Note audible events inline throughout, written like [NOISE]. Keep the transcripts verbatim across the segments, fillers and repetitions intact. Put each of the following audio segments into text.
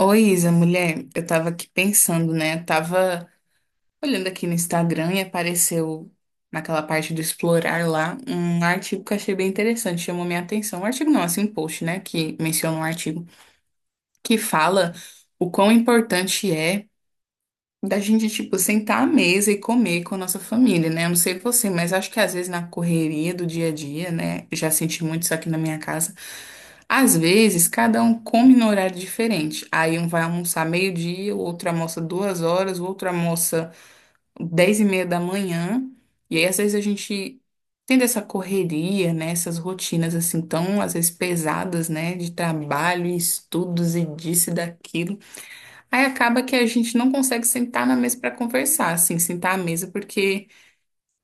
Oi, Isa, mulher, eu tava aqui pensando, né? Tava olhando aqui no Instagram e apareceu naquela parte do explorar lá um artigo que eu achei bem interessante, chamou minha atenção. Um artigo não, assim, um post, né? Que menciona um artigo que fala o quão importante é da gente, tipo, sentar à mesa e comer com a nossa família, né? Eu não sei você, mas acho que às vezes na correria do dia a dia, né? eu Já senti muito isso aqui na minha casa. Às vezes, cada um come no horário diferente. Aí um vai almoçar meio-dia, o outro almoça duas horas, o outro almoça dez e meia da manhã. E aí, às vezes, a gente tendo essa correria, né? Essas rotinas, assim, tão, às vezes, pesadas, né? De trabalho, e estudos e disso e daquilo. Aí acaba que a gente não consegue sentar na mesa para conversar, assim, sentar à mesa, porque...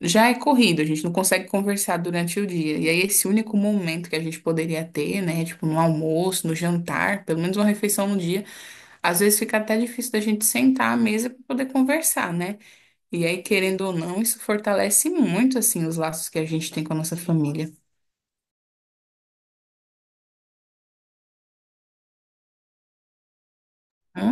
Já é corrido, a gente não consegue conversar durante o dia. E aí, esse único momento que a gente poderia ter, né? Tipo, no almoço, no jantar, pelo menos uma refeição no dia, às vezes fica até difícil da gente sentar à mesa para poder conversar, né? E aí, querendo ou não, isso fortalece muito, assim, os laços que a gente tem com a nossa família. Hã?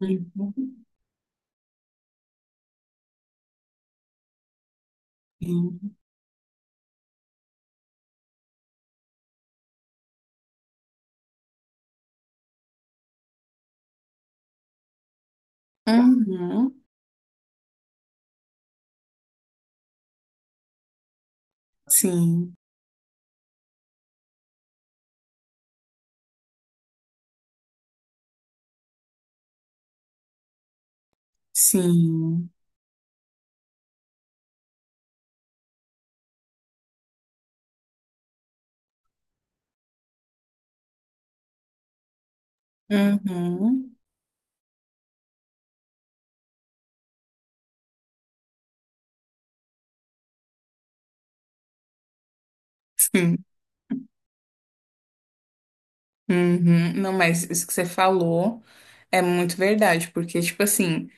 Uhum. Sim. Uhum. Sim. Sim. Uhum. Sim. Uhum. Não, mas isso que você falou é muito verdade, porque, tipo assim.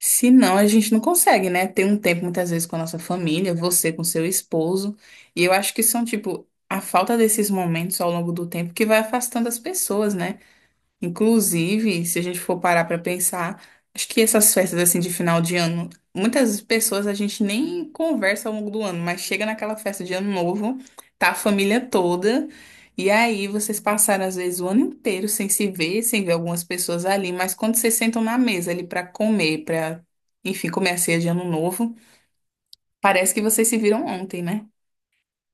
Se não, a gente não consegue, né? Ter um tempo muitas vezes com a nossa família, você com seu esposo. E eu acho que são, tipo, a falta desses momentos ao longo do tempo que vai afastando as pessoas, né? Inclusive, se a gente for parar para pensar, acho que essas festas assim de final de ano, muitas pessoas a gente nem conversa ao longo do ano, mas chega naquela festa de ano novo, tá a família toda, e aí vocês passaram às vezes o ano inteiro sem se ver, sem ver algumas pessoas ali, mas quando vocês sentam na mesa ali para comer, para enfim, comer a ceia de ano novo, parece que vocês se viram ontem, né?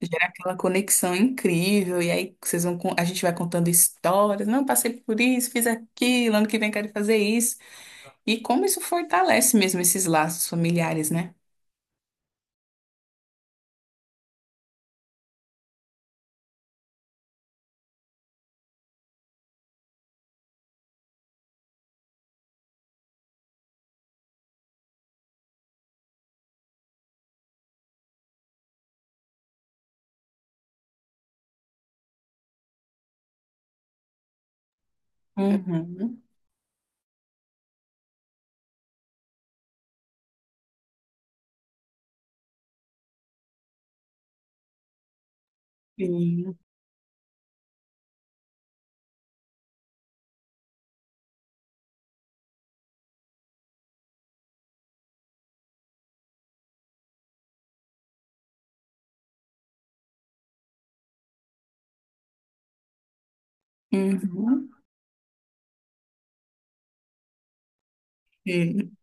Gera aquela conexão incrível, e aí vocês vão, con- a gente vai contando histórias. Não, passei por isso, fiz aquilo, ano que vem quero fazer isso. E como isso fortalece mesmo esses laços familiares, né? Uhum. Sim. Uhum. Sim.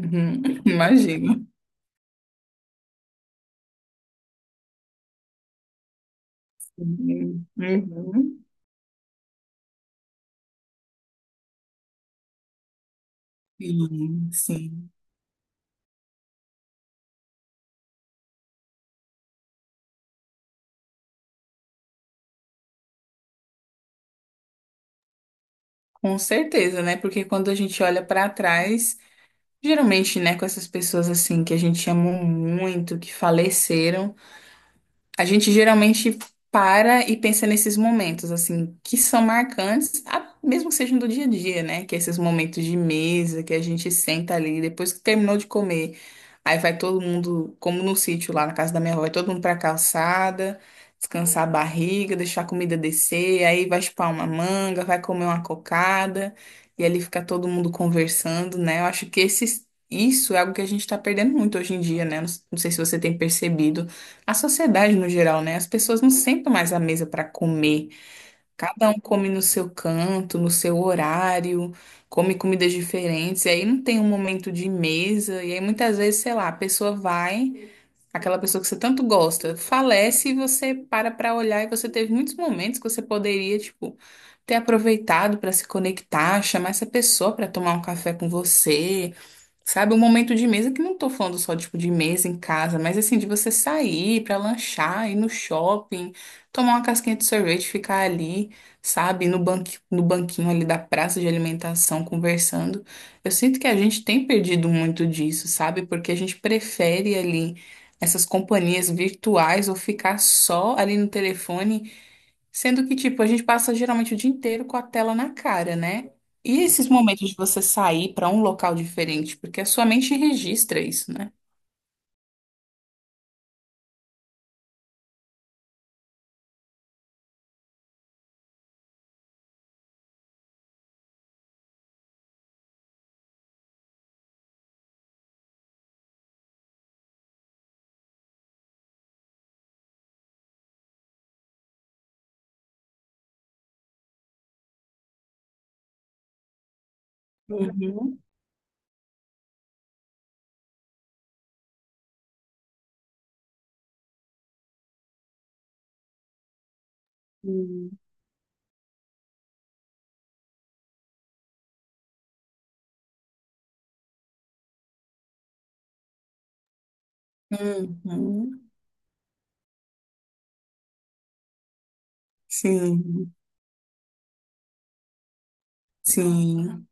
Uhum. Imagino. Sim. Uhum. Sim, sim. Com certeza, né? Porque quando a gente olha para trás, geralmente, né, com essas pessoas assim que a gente amou muito, que faleceram. A gente geralmente para e pensa nesses momentos, assim, que são marcantes, a- mesmo que sejam do dia a dia, né? Que é esses momentos de mesa, que a gente senta ali, depois que terminou de comer, aí vai todo mundo, como no sítio lá na casa da minha avó, vai todo mundo pra calçada, descansar a barriga, deixar a comida descer, aí vai chupar uma manga, vai comer uma cocada, e ali fica todo mundo conversando, né? Eu acho que esses, isso é algo que a gente tá perdendo muito hoje em dia, né? Não, não sei se você tem percebido a sociedade no geral, né? As pessoas não sentam mais à mesa para comer. Cada um come no seu canto, no seu horário, come comidas diferentes. E aí não tem um momento de mesa. E aí muitas vezes, sei lá, a pessoa vai, aquela pessoa que você tanto gosta, falece e você para para olhar. E você teve muitos momentos que você poderia, tipo, ter aproveitado para se conectar, chamar essa pessoa para tomar um café com você. Sabe, um momento de mesa que não tô falando só, tipo, de mesa em casa, mas assim, de você sair pra lanchar, ir no shopping, tomar uma casquinha de sorvete, ficar ali, sabe, no banqui, no banquinho ali da praça de alimentação, conversando. Eu sinto que a gente tem perdido muito disso, sabe? Porque a gente prefere ali essas companhias virtuais ou ficar só ali no telefone. Sendo que, tipo, a gente passa geralmente o dia inteiro com a tela na cara, né? E esses momentos de você sair para um local diferente, porque a sua mente registra isso, né? Uhum. Hum. Uhum. Sim, sim,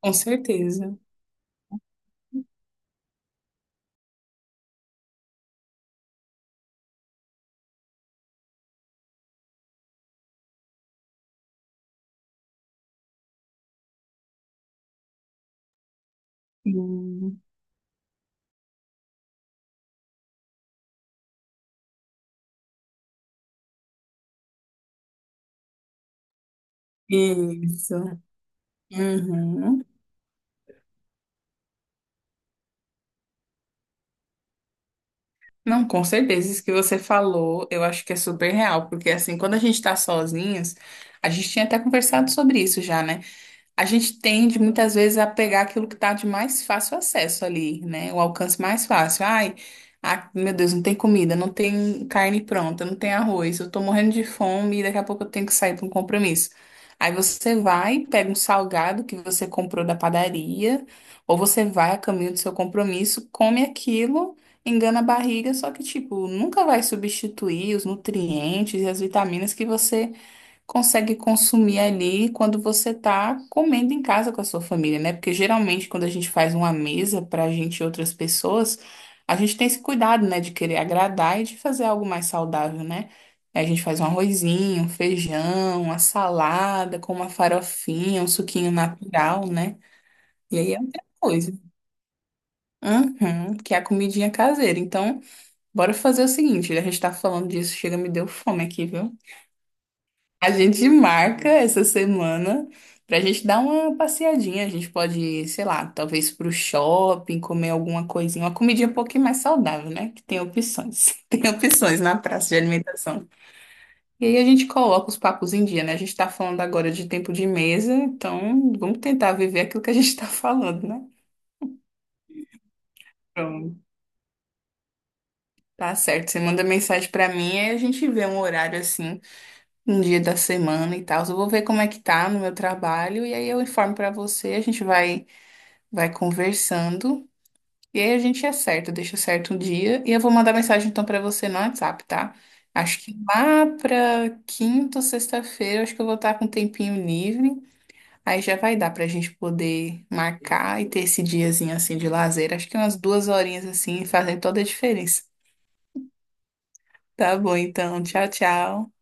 com certeza. Sim. Isso. Uhum. Não, com certeza, isso que você falou, eu acho que é super real, porque assim, quando a gente tá sozinhas, a gente tinha até conversado sobre isso já, né? A gente tende muitas vezes a pegar aquilo que está de mais fácil acesso ali, né? O alcance mais fácil. Ai, ah, meu Deus, não tem comida, não tem carne pronta, não tem arroz, eu tô morrendo de fome e daqui a pouco eu tenho que sair para um compromisso. Aí você vai, pega um salgado que você comprou da padaria, ou você vai a caminho do seu compromisso, come aquilo, engana a barriga, só que, tipo, nunca vai substituir os nutrientes e as vitaminas que você consegue consumir ali quando você tá comendo em casa com a sua família, né? Porque geralmente quando a gente faz uma mesa pra gente e outras pessoas, a gente tem esse cuidado, né, de querer agradar e de fazer algo mais saudável, né? Aí A gente faz um arrozinho, um feijão, uma salada com uma farofinha, um suquinho natural, né? E aí é outra coisa. Uhum, que é a comidinha caseira. Então, bora fazer o seguinte, a gente tá falando disso, chega, me deu fome aqui, viu? A gente marca essa semana pra gente dar uma passeadinha. A gente pode ir, sei lá, talvez pro shopping, comer alguma coisinha, uma comidinha um pouquinho mais saudável, né? Que tem opções. [LAUGHS] Tem opções na praça de alimentação. E aí a gente coloca os papos em dia, né? A gente tá falando agora de tempo de mesa, então vamos tentar viver aquilo que a gente tá falando, né? Pronto. Tá certo. Você manda mensagem pra mim aí a gente vê um horário assim um dia da semana e tal. Eu vou ver como é que tá no meu trabalho e aí eu informo pra você. A gente vai vai conversando. E aí a gente acerta, deixa certo um dia. E eu vou mandar mensagem então pra você no WhatsApp, tá? Acho que lá pra quinta ou sexta-feira, acho que eu vou estar com um tempinho livre. Aí já vai dar pra gente poder marcar e ter esse diazinho assim de lazer. Acho que umas duas horinhas assim fazem toda a diferença. Tá bom, então. Tchau, tchau.